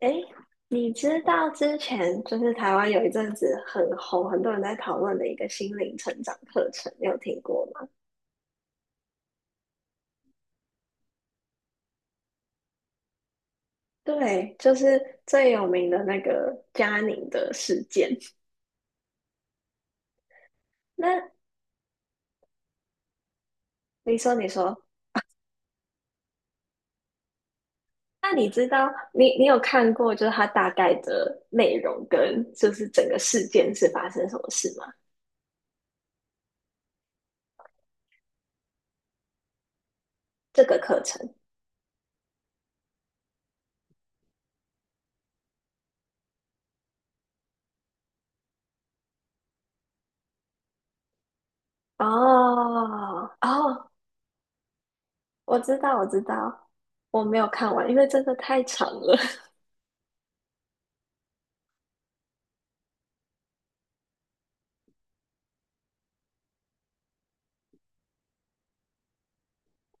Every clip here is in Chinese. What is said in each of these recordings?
哎，你知道之前就是台湾有一阵子很红，很多人在讨论的一个心灵成长课程，你有听过吗？对，就是最有名的那个嘉宁的事件。那你说，你说，那你知道你有看过就是它大概的内容跟就是整个事件是发生什么事吗？这个课程？哦哦，我知道，我知道。我没有看完，因为真的太长了。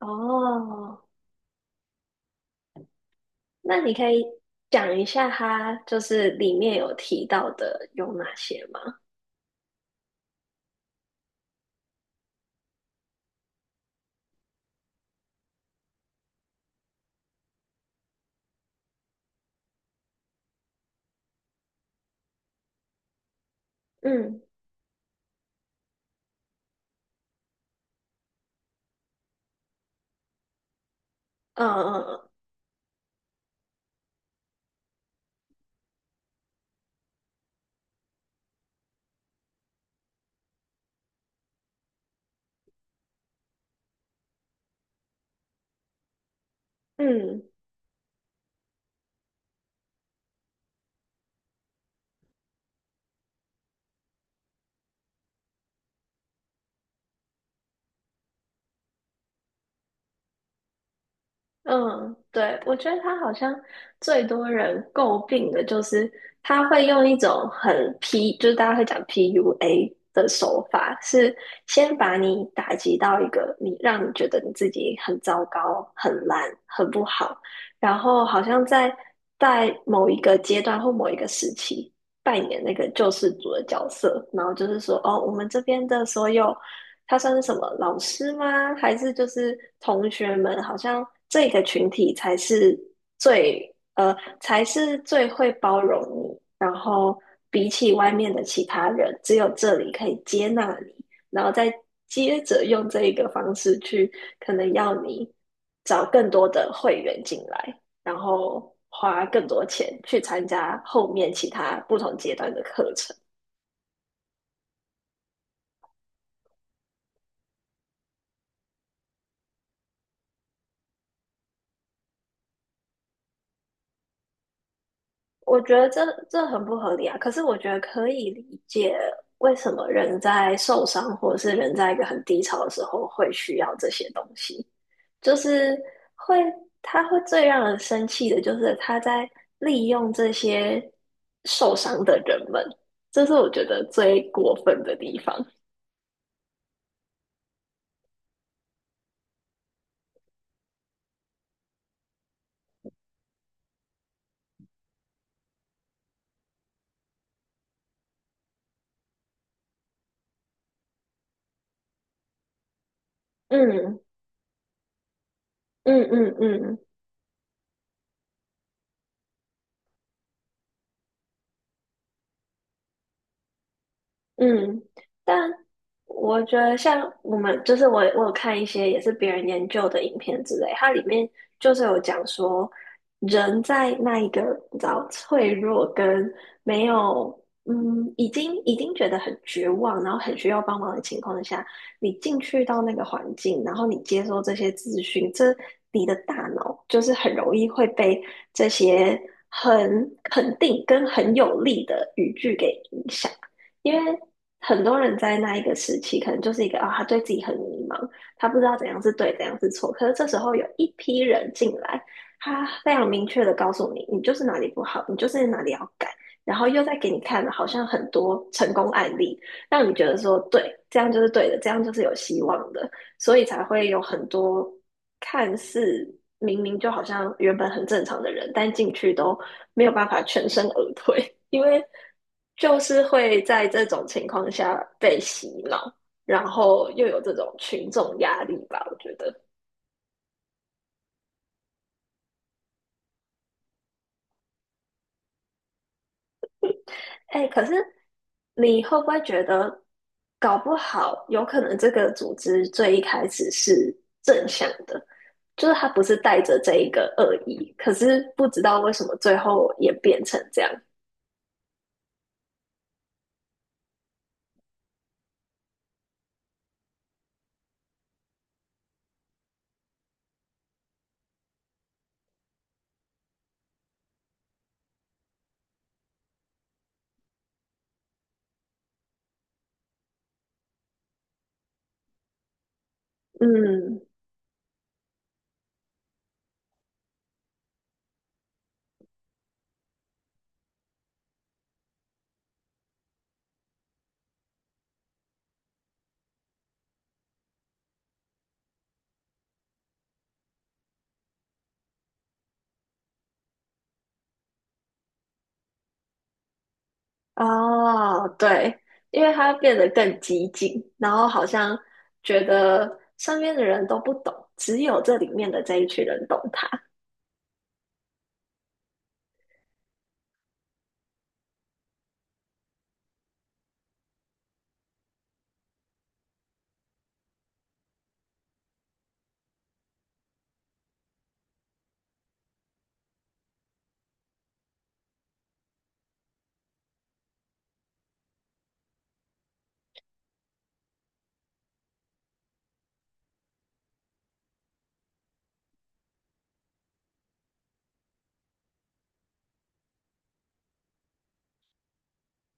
哦那你可以讲一下它就是里面有提到的有哪些吗？嗯嗯嗯嗯，嗯嗯，对，我觉得他好像最多人诟病的就是他会用一种很 P，就是大家会讲 PUA 的手法，是先把你打击到一个你让你觉得你自己很糟糕、很烂、很不好，然后好像在某一个阶段或某一个时期扮演那个救世主的角色，然后就是说，哦，我们这边的所有他算是什么老师吗？还是就是同学们？好像这个群体才是才是最会包容你。然后比起外面的其他人，只有这里可以接纳你，然后再接着用这一个方式去，可能要你找更多的会员进来，然后花更多钱去参加后面其他不同阶段的课程。我觉得这很不合理啊。可是我觉得可以理解为什么人在受伤或者是人在一个很低潮的时候会需要这些东西，就是会，他会最让人生气的，就是他在利用这些受伤的人们，这是我觉得最过分的地方。嗯嗯嗯嗯。嗯，但我觉得像我们，就是我有看一些也是别人研究的影片之类，它里面就是有讲说，人在那一个比较脆弱跟没有，嗯，已经觉得很绝望，然后很需要帮忙的情况下，你进去到那个环境，然后你接收这些资讯，你的大脑就是很容易会被这些很肯定跟很有力的语句给影响。因为很多人在那一个时期，可能就是一个啊、他对自己很迷茫，他不知道怎样是对，怎样是错。可是这时候有一批人进来，他非常明确的告诉你，你就是哪里不好，你就是哪里要改，然后又在给你看好像很多成功案例，让你觉得说，对，这样就是对的，这样就是有希望的。所以才会有很多看似明明就好像原本很正常的人，但进去都没有办法全身而退，因为就是会在这种情况下被洗脑，然后又有这种群众压力吧，我觉得。哎，可是你会不会觉得，搞不好有可能这个组织最一开始是正向的，就是他不是带着这一个恶意，可是不知道为什么最后也变成这样。嗯，哦，对，因为他变得更激进，然后好像觉得身边的人都不懂，只有这里面的这一群人懂他。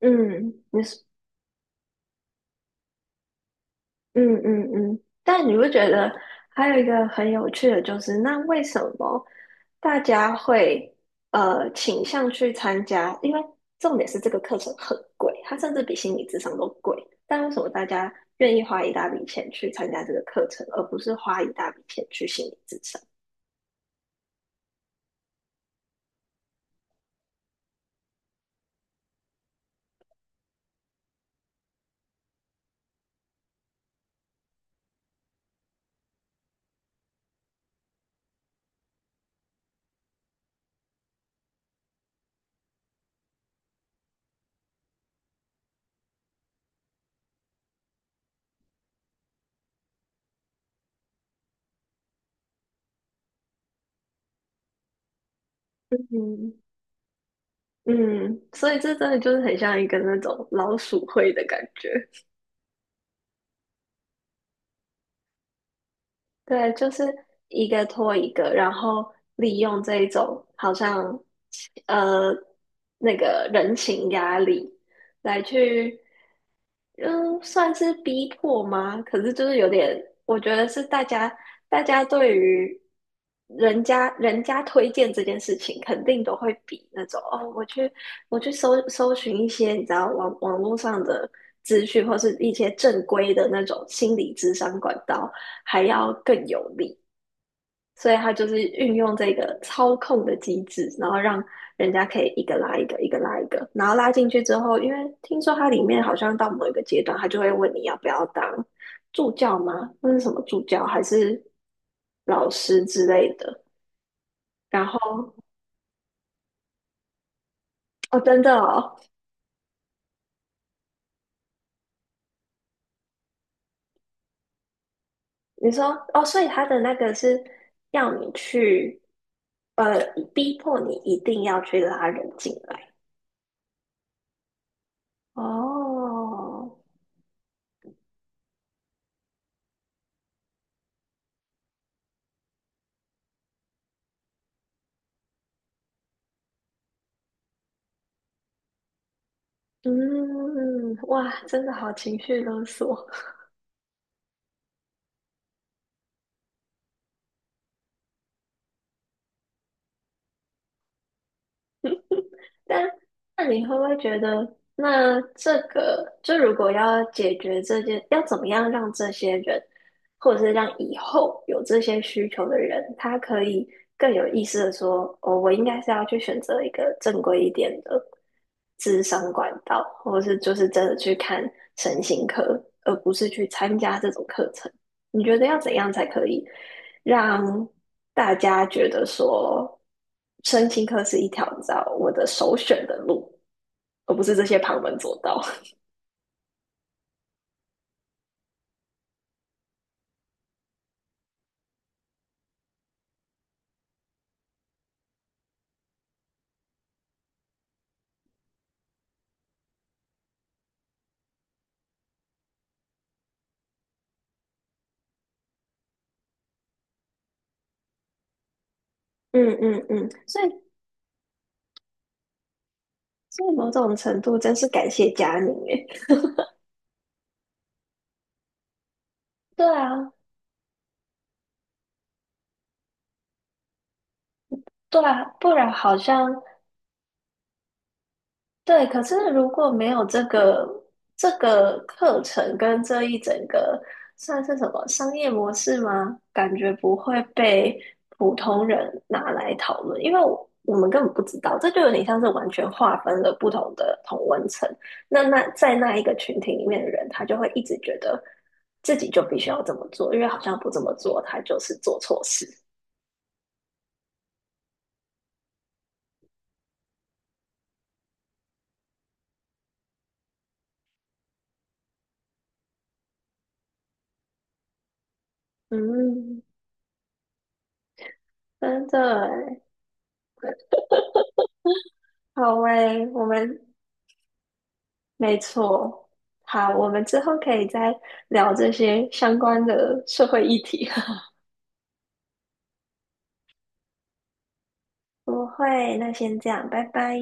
嗯，你是。嗯嗯嗯，但你不觉得还有一个很有趣的就是，那为什么大家会倾向去参加？因为重点是这个课程很贵，它甚至比心理智商都贵。但为什么大家愿意花一大笔钱去参加这个课程，而不是花一大笔钱去心理智商？嗯嗯，所以这真的就是很像一个那种老鼠会的感觉。对，就是一个拖一个，然后利用这一种好像呃那个人情压力来去，嗯，算是逼迫吗？可是就是有点，我觉得是大家。大家对于人家推荐这件事情，肯定都会比那种哦，我去搜寻一些你知道网络上的资讯，或是一些正规的那种心理咨商管道，还要更有力。所以他就是运用这个操控的机制，然后让人家可以一个拉一个，一个拉一个，然后拉进去之后，因为听说它里面好像到某一个阶段，他就会问你要不要当助教吗？那是什么助教还是老师之类的？然后哦，真的哦，你说哦，所以他的那个是要你去呃逼迫你一定要去拉人进来哦，嗯，哇，真的好情绪勒索。但那你会不会觉得，那这个就如果要解决这件，要怎么样让这些人，或者是让以后有这些需求的人，他可以更有意识的说，哦，我应该是要去选择一个正规一点的智商管道，或是就是真的去看神行科，而不是去参加这种课程。你觉得要怎样才可以？让大家觉得说，身心科是一条你知道我的首选的路，而不是这些旁门左道。嗯嗯嗯，所以某种程度真是感谢佳宁诶。对啊，对啊，不然好像对，可是如果没有这个课程跟这一整个算是什么商业模式吗？感觉不会被普通人拿来讨论，因为我们根本不知道，这就有点像是完全划分了不同的同温层。那在那一个群体里面的人，他就会一直觉得自己就必须要这么做，因为好像不这么做，他就是做错事。嗯，真的欸。好诶，我们，没错。好，我们之后可以再聊这些相关的社会议题。不会，那先这样，拜拜。